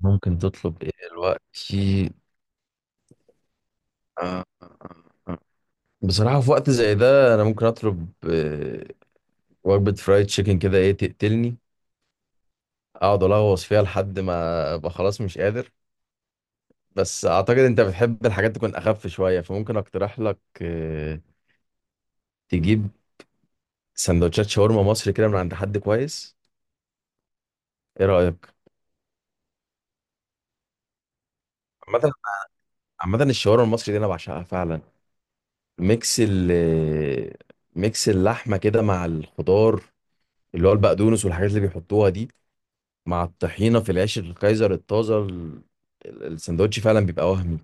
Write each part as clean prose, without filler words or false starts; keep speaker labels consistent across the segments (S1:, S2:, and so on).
S1: ممكن تطلب ايه دلوقتي؟ آه، آه، آه. بصراحة في وقت زي ده انا ممكن اطلب وجبة فرايد تشيكن كده، ايه تقتلني، اقعد الغوص فيها لحد ما ابقى خلاص مش قادر. بس اعتقد انت بتحب الحاجات تكون اخف شوية، فممكن اقترح لك تجيب سندوتشات شاورما مصري كده من عند حد كويس. ايه رأيك؟ عامة عامة الشاورما المصري دي انا بعشقها فعلا. ميكس ال آه، ميكس اللحمة كده مع الخضار، اللي هو البقدونس والحاجات اللي بيحطوها دي، مع الطحينة في العيش الكايزر الطازة، السندوتش فعلا بيبقى وهمي.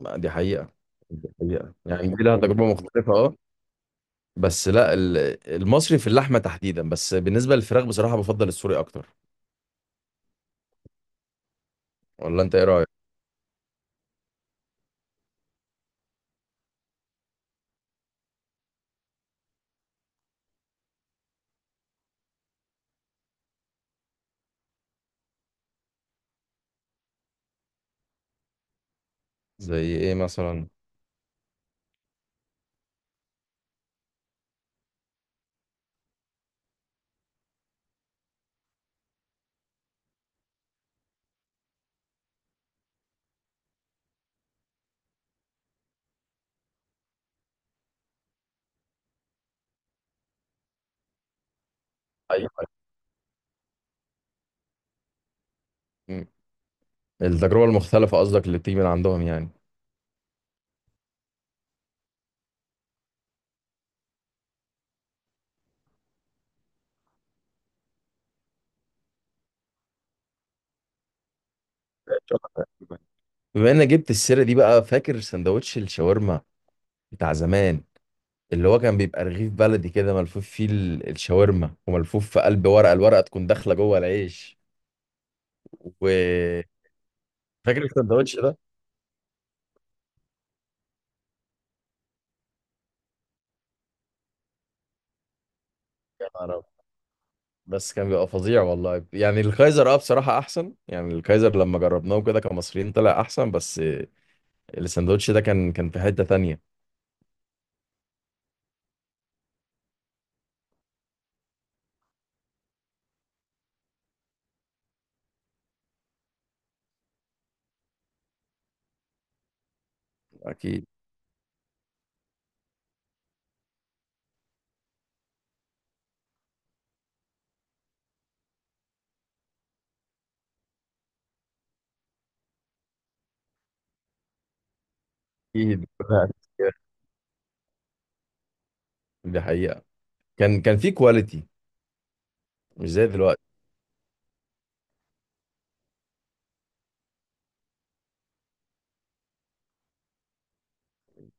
S1: ما دي حقيقة، دي حقيقة يعني، دي لها تجربة مختلفة اه. بس لا، المصري في اللحمة تحديدا، بس بالنسبة للفراخ بصراحة بفضل السوري أكتر. ولا أنت إيه رأيك؟ زي إيه مثلا؟ أيوة. م. التجربة المختلفة قصدك اللي بتيجي من عندهم يعني. بما إنك جبت السيرة دي بقى، فاكر سندوتش الشاورما بتاع زمان؟ اللي هو كان بيبقى رغيف بلدي كده ملفوف فيه الشاورما، وملفوف في قلب ورقه، الورقه تكون داخله جوه العيش، و فاكر الساندوتش ده؟ يا نهار أبيض. بس كان بيبقى فظيع والله يعني، الكايزر اه بصراحه احسن يعني، الكايزر لما جربناه كده كمصريين طلع احسن. بس الساندوتش ده كان في حته تانية. اكيد. اكيد، دي حقيقه، كان في كواليتي، مش زي دلوقتي.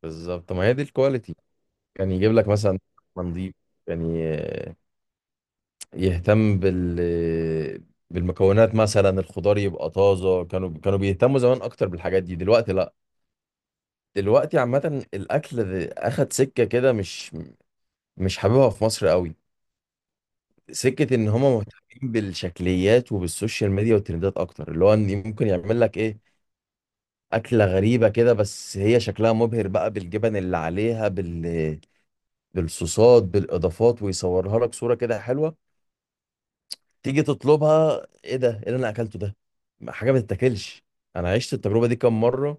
S1: بالظبط، ما هي دي الكواليتي. كان يجيب لك مثلا نضيف يعني، يهتم بالمكونات، مثلا الخضار يبقى طازه. كانوا بيهتموا زمان اكتر بالحاجات دي، دلوقتي لا. دلوقتي عامه الاكل اخد سكه كده، مش حاببها في مصر قوي. سكه ان هما مهتمين بالشكليات وبالسوشيال ميديا والترندات اكتر، اللي هو ان ممكن يعمل لك ايه اكله غريبه كده، بس هي شكلها مبهر بقى بالجبن اللي عليها بالصوصات بالاضافات، ويصورها لك صوره كده حلوه. تيجي تطلبها، ايه ده، ايه اللي انا اكلته ده؟ حاجه ما تتاكلش. انا عشت التجربه دي كام مره،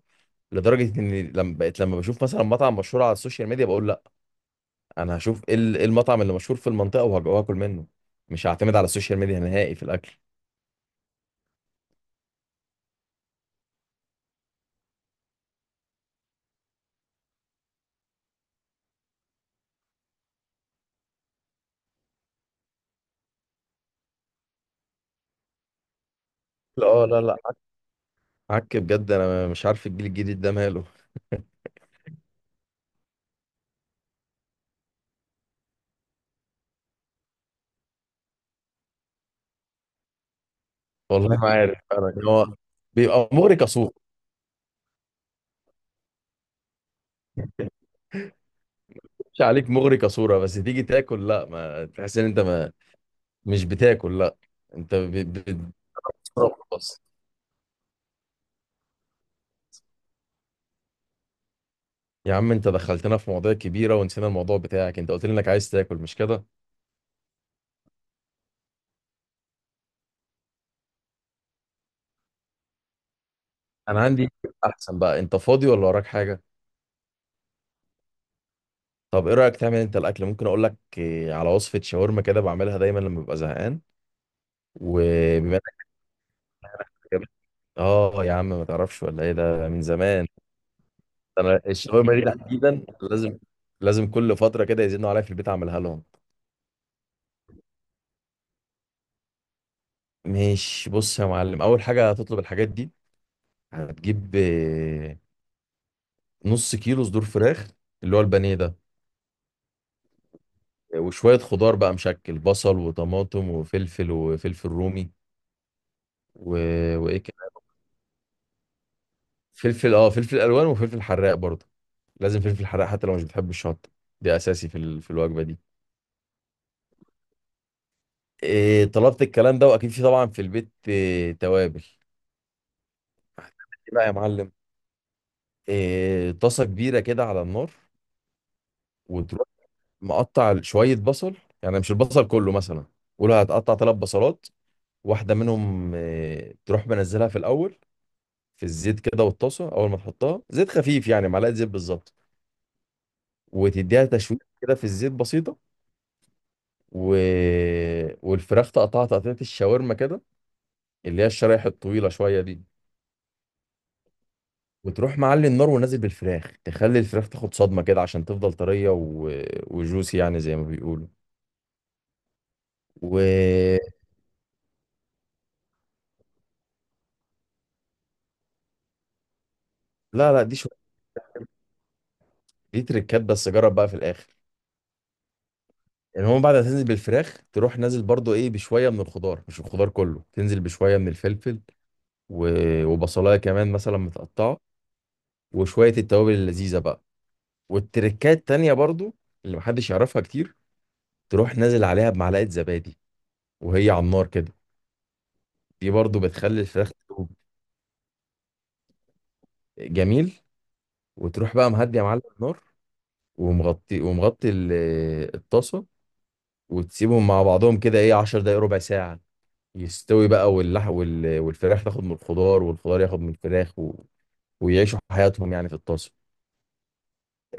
S1: لدرجه اني لما بشوف مثلا مطعم مشهور على السوشيال ميديا بقول لا، انا هشوف إيه المطعم اللي مشهور في المنطقه وهاكل منه، مش هعتمد على السوشيال ميديا نهائي في الاكل. لا، اه، لا، لا، عك بجد، انا مش عارف الجيل الجديد ده ماله. والله ما عارف، انا هو بيبقى مغري كصوره. مش عليك، مغري كصوره بس تيجي تاكل لا، ما تحس ان انت ما مش بتاكل لا، انت بتتفرج بس. يا عم انت دخلتنا في مواضيع كبيرة ونسينا الموضوع بتاعك، انت قلت لي انك عايز تاكل مش كده؟ انا عندي، احسن بقى، انت فاضي ولا وراك حاجة؟ طب ايه رأيك تعمل انت الاكل؟ ممكن اقول لك على وصفة شاورما كده بعملها دايما لما ببقى زهقان. وبما انك جابت، اه يا عم، ما تعرفش ولا ايه، ده من زمان. انا الشاورما دي تحديدا لازم، لازم كل فترة كده يزنوا عليا في البيت اعملها لهم. ماشي، بص يا معلم، اول حاجة هتطلب الحاجات دي. هتجيب نص كيلو صدور فراخ اللي هو البانيه ده، وشوية خضار بقى مشكل: بصل وطماطم وفلفل وفلفل رومي، و... وايه كده، فلفل، اه، فلفل الوان وفلفل حراق برضه. لازم فلفل حراق حتى لو مش بتحب الشطة، دي اساسي في الوجبة دي. إيه، طلبت الكلام ده، واكيد في طبعا في البيت إيه، توابل. ايه بقى يا معلم، إيه، طاسة كبيرة كده على النار، وتروح مقطع شوية بصل، يعني مش البصل كله مثلا، قول هتقطع ثلاث بصلات، واحدة منهم إيه تروح منزلها في الأول في الزيت كده. والطاسه اول ما تحطها زيت خفيف يعني معلقه زيت بالظبط، وتديها تشويق كده في الزيت بسيطه. و... والفراخ تقطعها تقطيعه الشاورما كده، اللي هي الشرايح الطويله شويه دي. وتروح معلي النار ونازل بالفراخ، تخلي الفراخ تاخد صدمه كده عشان تفضل طريه وجوسي يعني زي ما بيقولوا. و لا لا، دي شويه دي تريكات بس، جرب بقى في الاخر. يعني هو بعد ما تنزل بالفراخ تروح نازل برضو ايه بشويه من الخضار، مش الخضار كله، تنزل بشويه من الفلفل و... وبصلايه كمان مثلا متقطعه، وشوية التوابل اللذيذة بقى. والتركات تانية برضو اللي محدش يعرفها كتير، تروح نازل عليها بمعلقة زبادي وهي على النار كده، دي برضو بتخلي الفراخ تدوب. جميل. وتروح بقى مهدي يا معلم النار، ومغطي الطاسة، وتسيبهم مع بعضهم كده ايه 10 دقايق، ربع ساعة، يستوي بقى والفراخ تاخد من الخضار والخضار ياخد من الفراخ، ويعيشوا حياتهم يعني في الطاسة.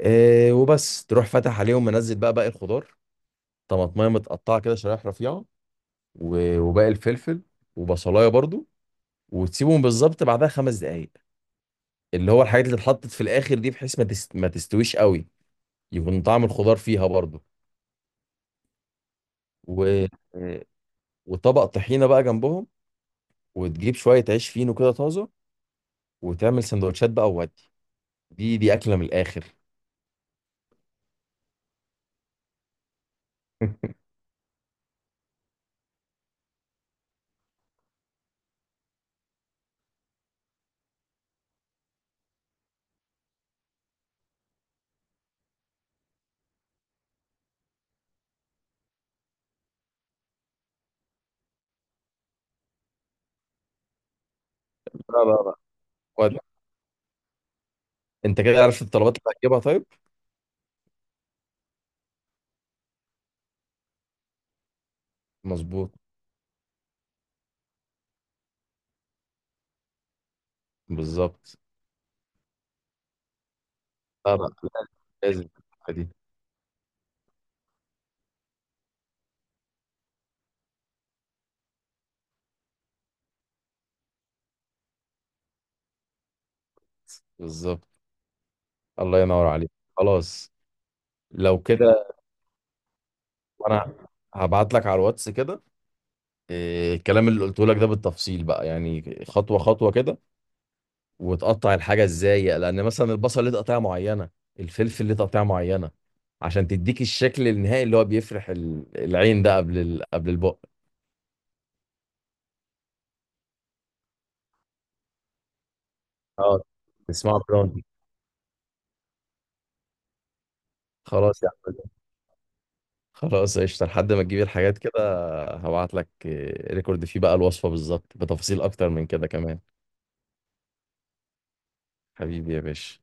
S1: إيه، وبس تروح فاتح عليهم منزل بقى باقي الخضار، طماطمية متقطعة كده شرايح رفيعة، وباقي الفلفل وبصلايه برضو، وتسيبهم بالظبط بعدها 5 دقايق، اللي هو الحاجات اللي اتحطت في الاخر دي بحيث ما تستويش قوي، يكون طعم الخضار فيها برضو. و... وطبق طحينه بقى جنبهم، وتجيب شويه عيش فينو كده طازه، وتعمل سندوتشات بقى وودي. دي اكله من الاخر. لا لا لا، ودي، انت كده عرفت الطلبات اللي هتجيبها، طيب. مظبوط، بالظبط. لا لا، لازم، لازم، دي بالظبط. الله ينور عليك. خلاص. لو كده، وانا هبعت لك على الواتس كده الكلام اللي قلته لك ده بالتفصيل بقى، يعني خطوه خطوه كده، وتقطع الحاجه ازاي، لان مثلا البصل ليه تقطيعه معينه، الفلفل ليه تقطيعه معينه، عشان تديك الشكل النهائي اللي هو بيفرح العين ده قبل البق. اه. اسمها براوني. خلاص يا عم، خلاص قشطه لحد ما تجيب الحاجات كده، هبعت لك ريكورد فيه بقى الوصفه بالظبط، بتفاصيل اكتر من كده كمان. حبيبي يا باشا.